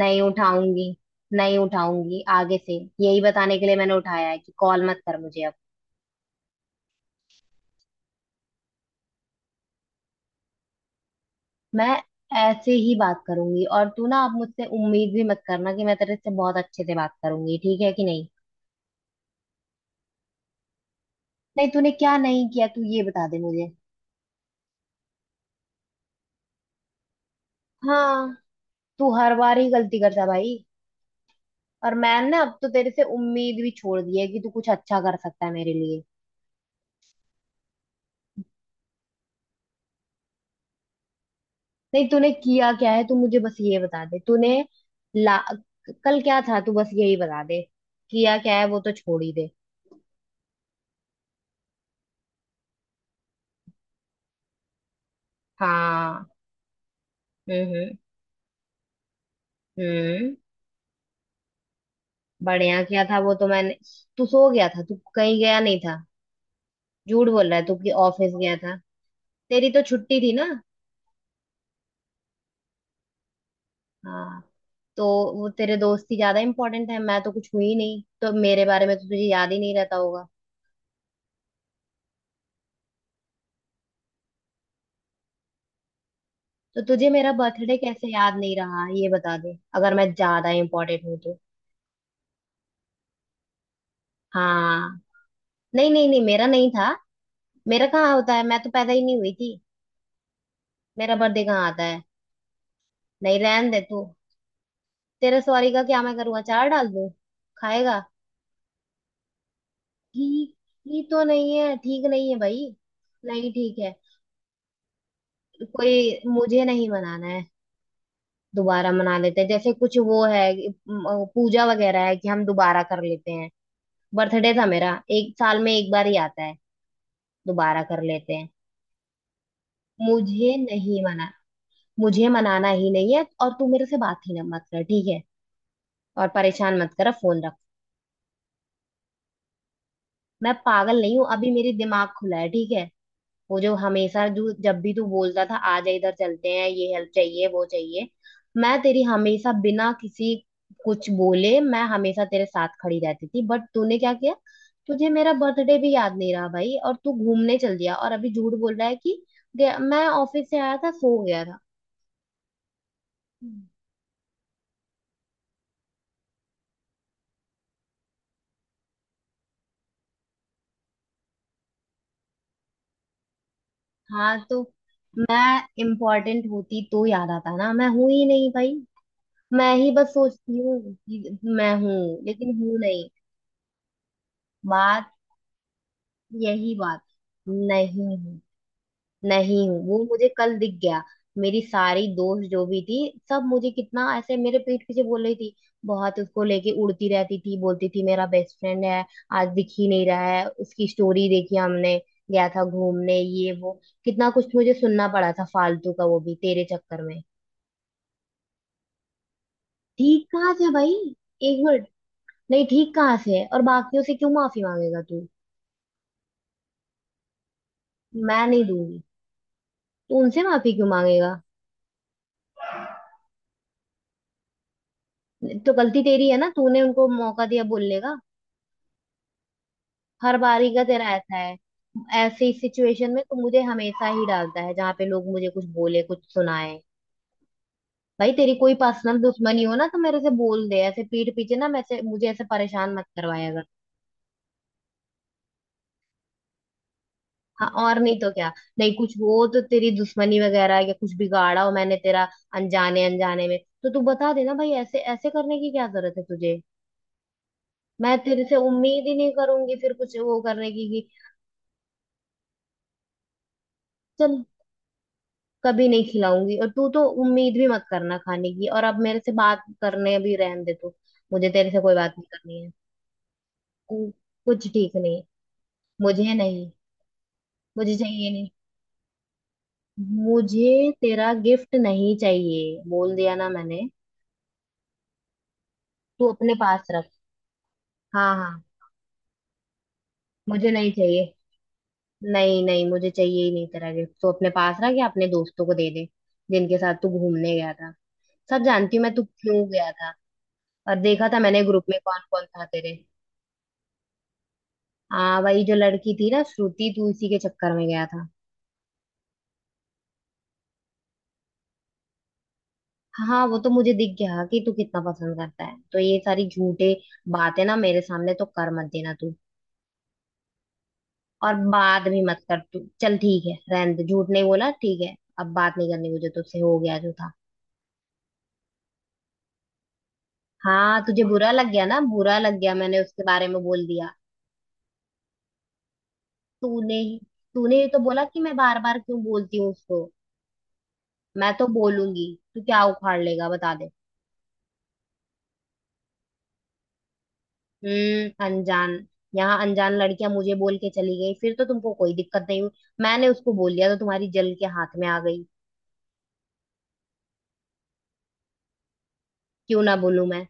नहीं उठाऊंगी। नहीं उठाऊंगी आगे से। यही बताने के लिए मैंने उठाया है कि कॉल मत कर मुझे अब। मैं ऐसे ही बात करूंगी और तू ना अब मुझसे उम्मीद भी मत करना कि मैं तेरे से बहुत अच्छे से बात करूंगी। ठीक है कि नहीं? नहीं, तूने क्या नहीं किया तू ये बता दे मुझे। हाँ, तू हर बार ही गलती करता भाई। और मैंने अब तो तेरे से उम्मीद भी छोड़ दी है कि तू कुछ अच्छा कर सकता है मेरे लिए। नहीं तूने किया क्या है, तू मुझे बस ये बता दे। तूने ला, कल क्या था, तू बस यही बता दे। किया क्या है वो तो छोड़ ही दे। हाँ। हम्म। हम्म। हम्म। बढ़िया किया था वो तो मैंने। तू सो गया था, तू कहीं गया नहीं था? झूठ बोल रहा है तू कि ऑफिस गया था। तेरी तो छुट्टी थी ना। हाँ। तो वो तेरे दोस्ती ज्यादा इंपॉर्टेंट है, मैं तो कुछ हुई नहीं तो मेरे बारे में तो तुझे याद ही नहीं रहता होगा। तो तुझे मेरा बर्थडे कैसे याद नहीं रहा ये बता दे, अगर मैं ज्यादा इंपॉर्टेंट हूँ तो। हाँ। नहीं नहीं नहीं, मेरा नहीं था। मेरा कहाँ होता है, मैं तो पैदा ही नहीं हुई थी। मेरा बर्थडे कहाँ आता है। नहीं रहन दे तू। तेरे सॉरी का क्या मैं करूँ, अचार डाल दूँ? खाएगा? ठीक ही तो नहीं है, ठीक नहीं है भाई। नहीं ठीक है। कोई मुझे नहीं मनाना है। दोबारा मना लेते हैं जैसे कुछ वो है कि, पूजा वगैरह है कि हम दोबारा कर लेते हैं। बर्थडे था मेरा, एक साल में एक बार ही आता है, दोबारा कर लेते हैं। मुझे नहीं मना। मुझे मनाना ही नहीं है, और तू मेरे से बात ही ना मत कर, ठीक है। और परेशान मत करो, फोन रख। मैं पागल नहीं हूँ, अभी मेरी दिमाग खुला है ठीक है। वो जो हमेशा, जो जब भी तू बोलता था आ जा इधर चलते हैं ये हेल्प चाहिए वो चाहिए, मैं तेरी हमेशा बिना किसी कुछ बोले मैं हमेशा तेरे साथ खड़ी रहती थी, बट तूने क्या किया? तुझे मेरा बर्थडे भी याद नहीं रहा भाई, और तू घूमने चल दिया और अभी झूठ बोल रहा है कि मैं ऑफिस से आया था सो गया था। हाँ तो मैं इम्पोर्टेंट होती तो याद आता ना, मैं हूं ही नहीं भाई। मैं ही बस सोचती हूँ कि मैं हूँ लेकिन हूँ नहीं। बात, यही बात। नहीं हूँ, नहीं हूँ, वो मुझे कल दिख गया। मेरी सारी दोस्त जो भी थी, सब मुझे कितना ऐसे मेरे पीठ पीछे बोल रही थी। बहुत उसको लेके उड़ती रहती थी, बोलती थी मेरा बेस्ट फ्रेंड है, आज दिख ही नहीं रहा है, उसकी स्टोरी देखी हमने, गया था घूमने ये वो। कितना कुछ मुझे सुनना पड़ा था फालतू का, वो भी तेरे चक्कर में। ठीक कहा था भाई। एक मिनट, नहीं ठीक कहाँ से है? और बाकियों से क्यों माफी मांगेगा तू? मैं नहीं दूंगी। तू उनसे माफी क्यों मांगेगा? तो गलती तेरी है ना, तूने उनको मौका दिया बोलने का। हर बारी का तेरा ऐसा है। ऐसी सिचुएशन में तू मुझे हमेशा ही डालता है जहाँ पे लोग मुझे कुछ बोले कुछ सुनाए। भाई तेरी कोई पर्सनल दुश्मनी हो ना तो मेरे से बोल दे, ऐसे पीठ पीछे ना, मुझे ऐसे परेशान मत करवाया कर। हाँ, और नहीं तो क्या? नहीं कुछ हो तो तेरी दुश्मनी वगैरह या कुछ बिगाड़ा हो मैंने तेरा अनजाने, अनजाने में तो तू बता देना भाई, ऐसे ऐसे करने की क्या जरूरत है तुझे? मैं तेरे से उम्मीद ही नहीं करूंगी फिर कुछ वो करने की कि। चल, कभी नहीं खिलाऊंगी, और तू तो उम्मीद भी मत करना खाने की, और अब मेरे से बात करने भी रहने दे तू। मुझे तेरे से कोई बात नहीं करनी है। तू कुछ ठीक नहीं। मुझे नहीं। मुझे चाहिए नहीं। मुझे तेरा गिफ्ट नहीं चाहिए, बोल दिया ना मैंने। तू अपने पास रख। हाँ हाँ। मुझे नहीं चाहिए। नहीं नहीं, मुझे चाहिए ही नहीं तेरा गिफ्ट, तो अपने पास रख या अपने दोस्तों को दे दे जिनके साथ तू घूमने गया था। सब जानती हूँ मैं तू क्यों गया था। और देखा था मैंने ग्रुप में कौन कौन था तेरे। हाँ, वही जो लड़की थी ना, श्रुति, तू इसी के चक्कर में गया था। हाँ हाँ, वो तो मुझे दिख गया कि तू कितना पसंद करता है, तो ये सारी झूठे बातें ना मेरे सामने तो कर मत देना तू। और बात भी मत कर तू, चल ठीक है, रहने दे, झूठ नहीं बोला ठीक है। अब बात नहीं करनी मुझे तुझसे, हो गया जो था। हाँ तुझे बुरा लग गया ना, बुरा लग गया मैंने उसके बारे में बोल दिया। तूने ही तूने ही तो बोला कि मैं बार बार क्यों बोलती हूँ उसको। मैं तो बोलूंगी, तू क्या उखाड़ लेगा बता दे। हम्म, अनजान, यहाँ अनजान लड़कियां मुझे बोल के चली गई फिर तो तुमको कोई दिक्कत नहीं हुई? मैंने उसको बोल दिया तो तुम्हारी जल के हाथ में आ गई। क्यों ना बोलूं मैं?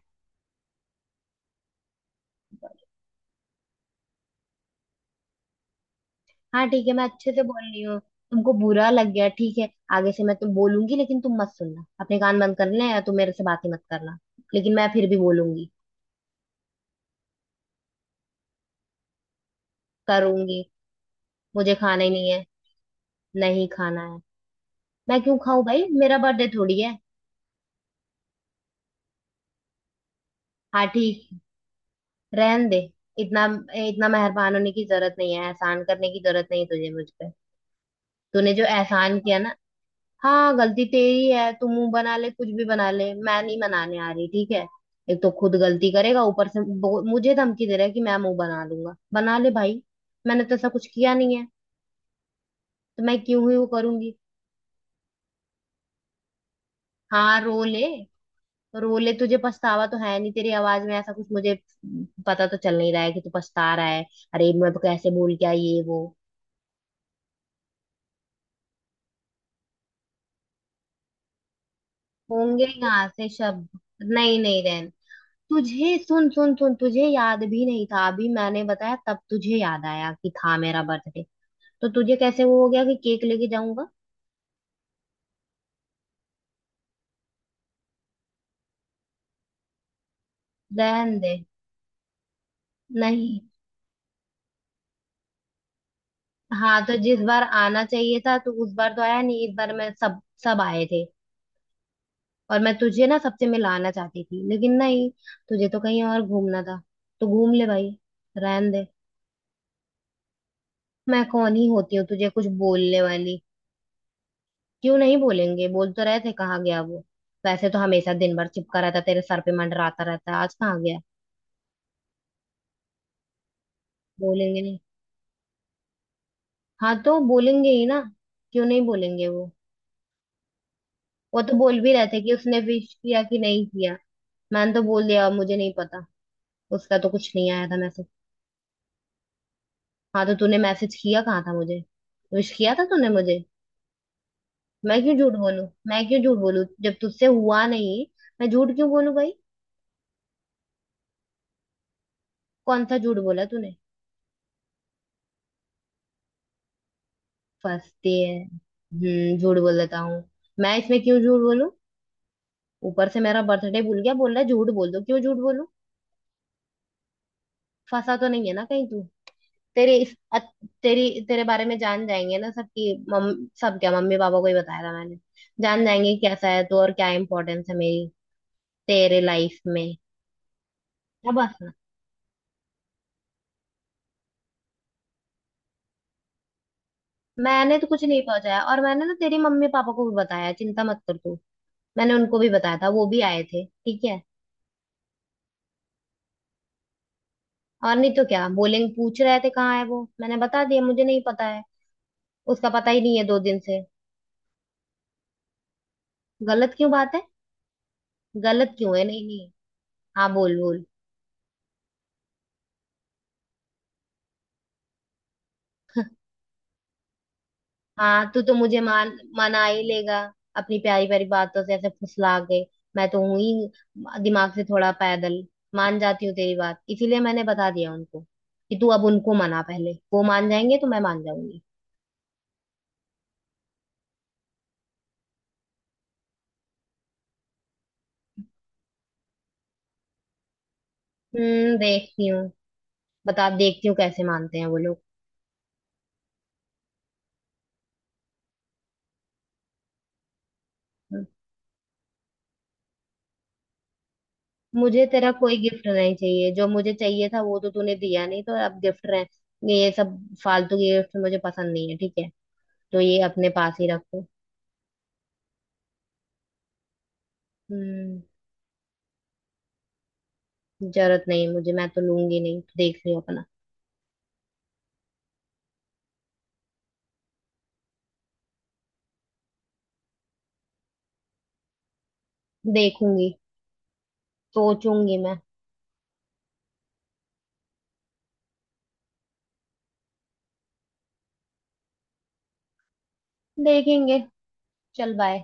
हाँ ठीक है मैं अच्छे से बोल रही हूँ। तुमको बुरा लग गया ठीक है। आगे से मैं तुम बोलूंगी, लेकिन तुम मत सुनना, अपने कान बंद कर लेना, या तुम मेरे से बात ही मत करना, लेकिन मैं फिर भी बोलूंगी। करूंगी, मुझे खाना ही नहीं है। नहीं खाना है। मैं क्यों खाऊं भाई, मेरा बर्थडे थोड़ी है। हाँ ठीक, रहन दे। इतना, इतना मेहरबान होने की जरूरत नहीं है, एहसान करने की जरूरत नहीं है तुझे मुझ पे। तूने जो एहसान किया ना। हाँ गलती तेरी है, तू मुंह बना ले कुछ भी बना ले, मैं नहीं मनाने आ रही ठीक है। एक तो खुद गलती करेगा, ऊपर से मुझे धमकी दे रहा है कि मैं मुंह बना लूंगा, बना ले भाई। मैंने तो ऐसा कुछ किया नहीं है, तो मैं क्यों ही वो करूंगी। हाँ रो ले, पर बोले तुझे पछतावा तो है नहीं, तेरी आवाज में ऐसा कुछ मुझे पता तो चल नहीं रहा है कि तू पछता रहा है। अरे मैं तो कैसे बोल क्या ये वो, होंगे यहाँ से शब्द। नहीं नहीं रहन। तुझे सुन सुन सुन, तुझे याद भी नहीं था, अभी मैंने बताया तब तुझे याद आया कि था मेरा बर्थडे। तो तुझे कैसे वो हो गया कि केक लेके जाऊंगा? रहन दे। नहीं। हाँ तो जिस बार आना चाहिए था तो उस बार तो आया नहीं, इस बार मैं सब सब आए थे, और मैं तुझे ना सबसे मिलाना चाहती थी लेकिन नहीं, तुझे तो कहीं और घूमना था, तो घूम ले भाई, रहन दे, मैं कौन ही होती हूँ तुझे कुछ बोलने वाली। क्यों नहीं बोलेंगे, बोल तो रहे थे कहाँ गया वो, वैसे तो हमेशा दिन भर चिपका रहता, तेरे सर पे मंडराता रहता है, आज कहाँ गया। बोलेंगे नहीं। हाँ तो बोलेंगे ही ना, क्यों नहीं बोलेंगे वो तो बोल भी रहे थे कि उसने विश किया कि नहीं किया। मैंने तो बोल दिया मुझे नहीं पता, उसका तो कुछ नहीं आया था मैसेज। हाँ तो तूने मैसेज किया कहाँ था मुझे, विश किया था तूने मुझे? मैं क्यों झूठ बोलूं, मैं क्यों झूठ बोलूं जब तुझसे हुआ नहीं, मैं झूठ क्यों बोलूं भाई। कौन सा झूठ बोला तूने? फंसती है, हम्म, झूठ बोल देता हूँ। मैं इसमें क्यों झूठ बोलूं? ऊपर से मेरा बर्थडे भूल गया, बोल रहा है झूठ बोल दो, क्यों झूठ बोलूं? फंसा तो नहीं है ना कहीं तू? तेरी तेरे बारे में जान जाएंगे ना सब कि सब क्या, मम्मी पापा को ही बताया था मैंने। जान जाएंगे कि कैसा है तू और क्या इम्पोर्टेंस है मेरी तेरे लाइफ में। अब बस, मैंने तो कुछ नहीं पहुंचाया, और मैंने ना तेरी मम्मी पापा को भी बताया, चिंता मत कर तू। मैंने उनको भी बताया था, वो भी आए थे ठीक है। और नहीं तो क्या, बोलेंगे, पूछ रहे थे कहाँ है वो, मैंने बता दिया मुझे नहीं पता है, उसका पता ही नहीं है 2 दिन से। गलत क्यों बात है? गलत क्यों है? नहीं नहीं। हाँ बोल बोल। हाँ तू तो मुझे मान, मना ही लेगा अपनी प्यारी प्यारी बातों से ऐसे फुसला के। मैं तो हूं ही दिमाग से थोड़ा पैदल, मान जाती हूँ तेरी बात, इसीलिए मैंने बता दिया उनको कि तू अब उनको मना, पहले वो मान जाएंगे तो मैं मान जाऊंगी। देखती हूँ। बता, देखती हूँ कैसे मानते हैं वो लोग। मुझे तेरा कोई गिफ्ट नहीं चाहिए, जो मुझे चाहिए था वो तो तूने दिया नहीं, तो अब गिफ्ट रहे ये सब, फालतू के गिफ्ट मुझे पसंद नहीं है ठीक है, तो ये अपने पास ही रखो। हम्म, जरूरत नहीं है मुझे, मैं तो लूंगी नहीं, देख लियो अपना। देखूंगी। सोचूंगी मैं। देखेंगे। चल बाय।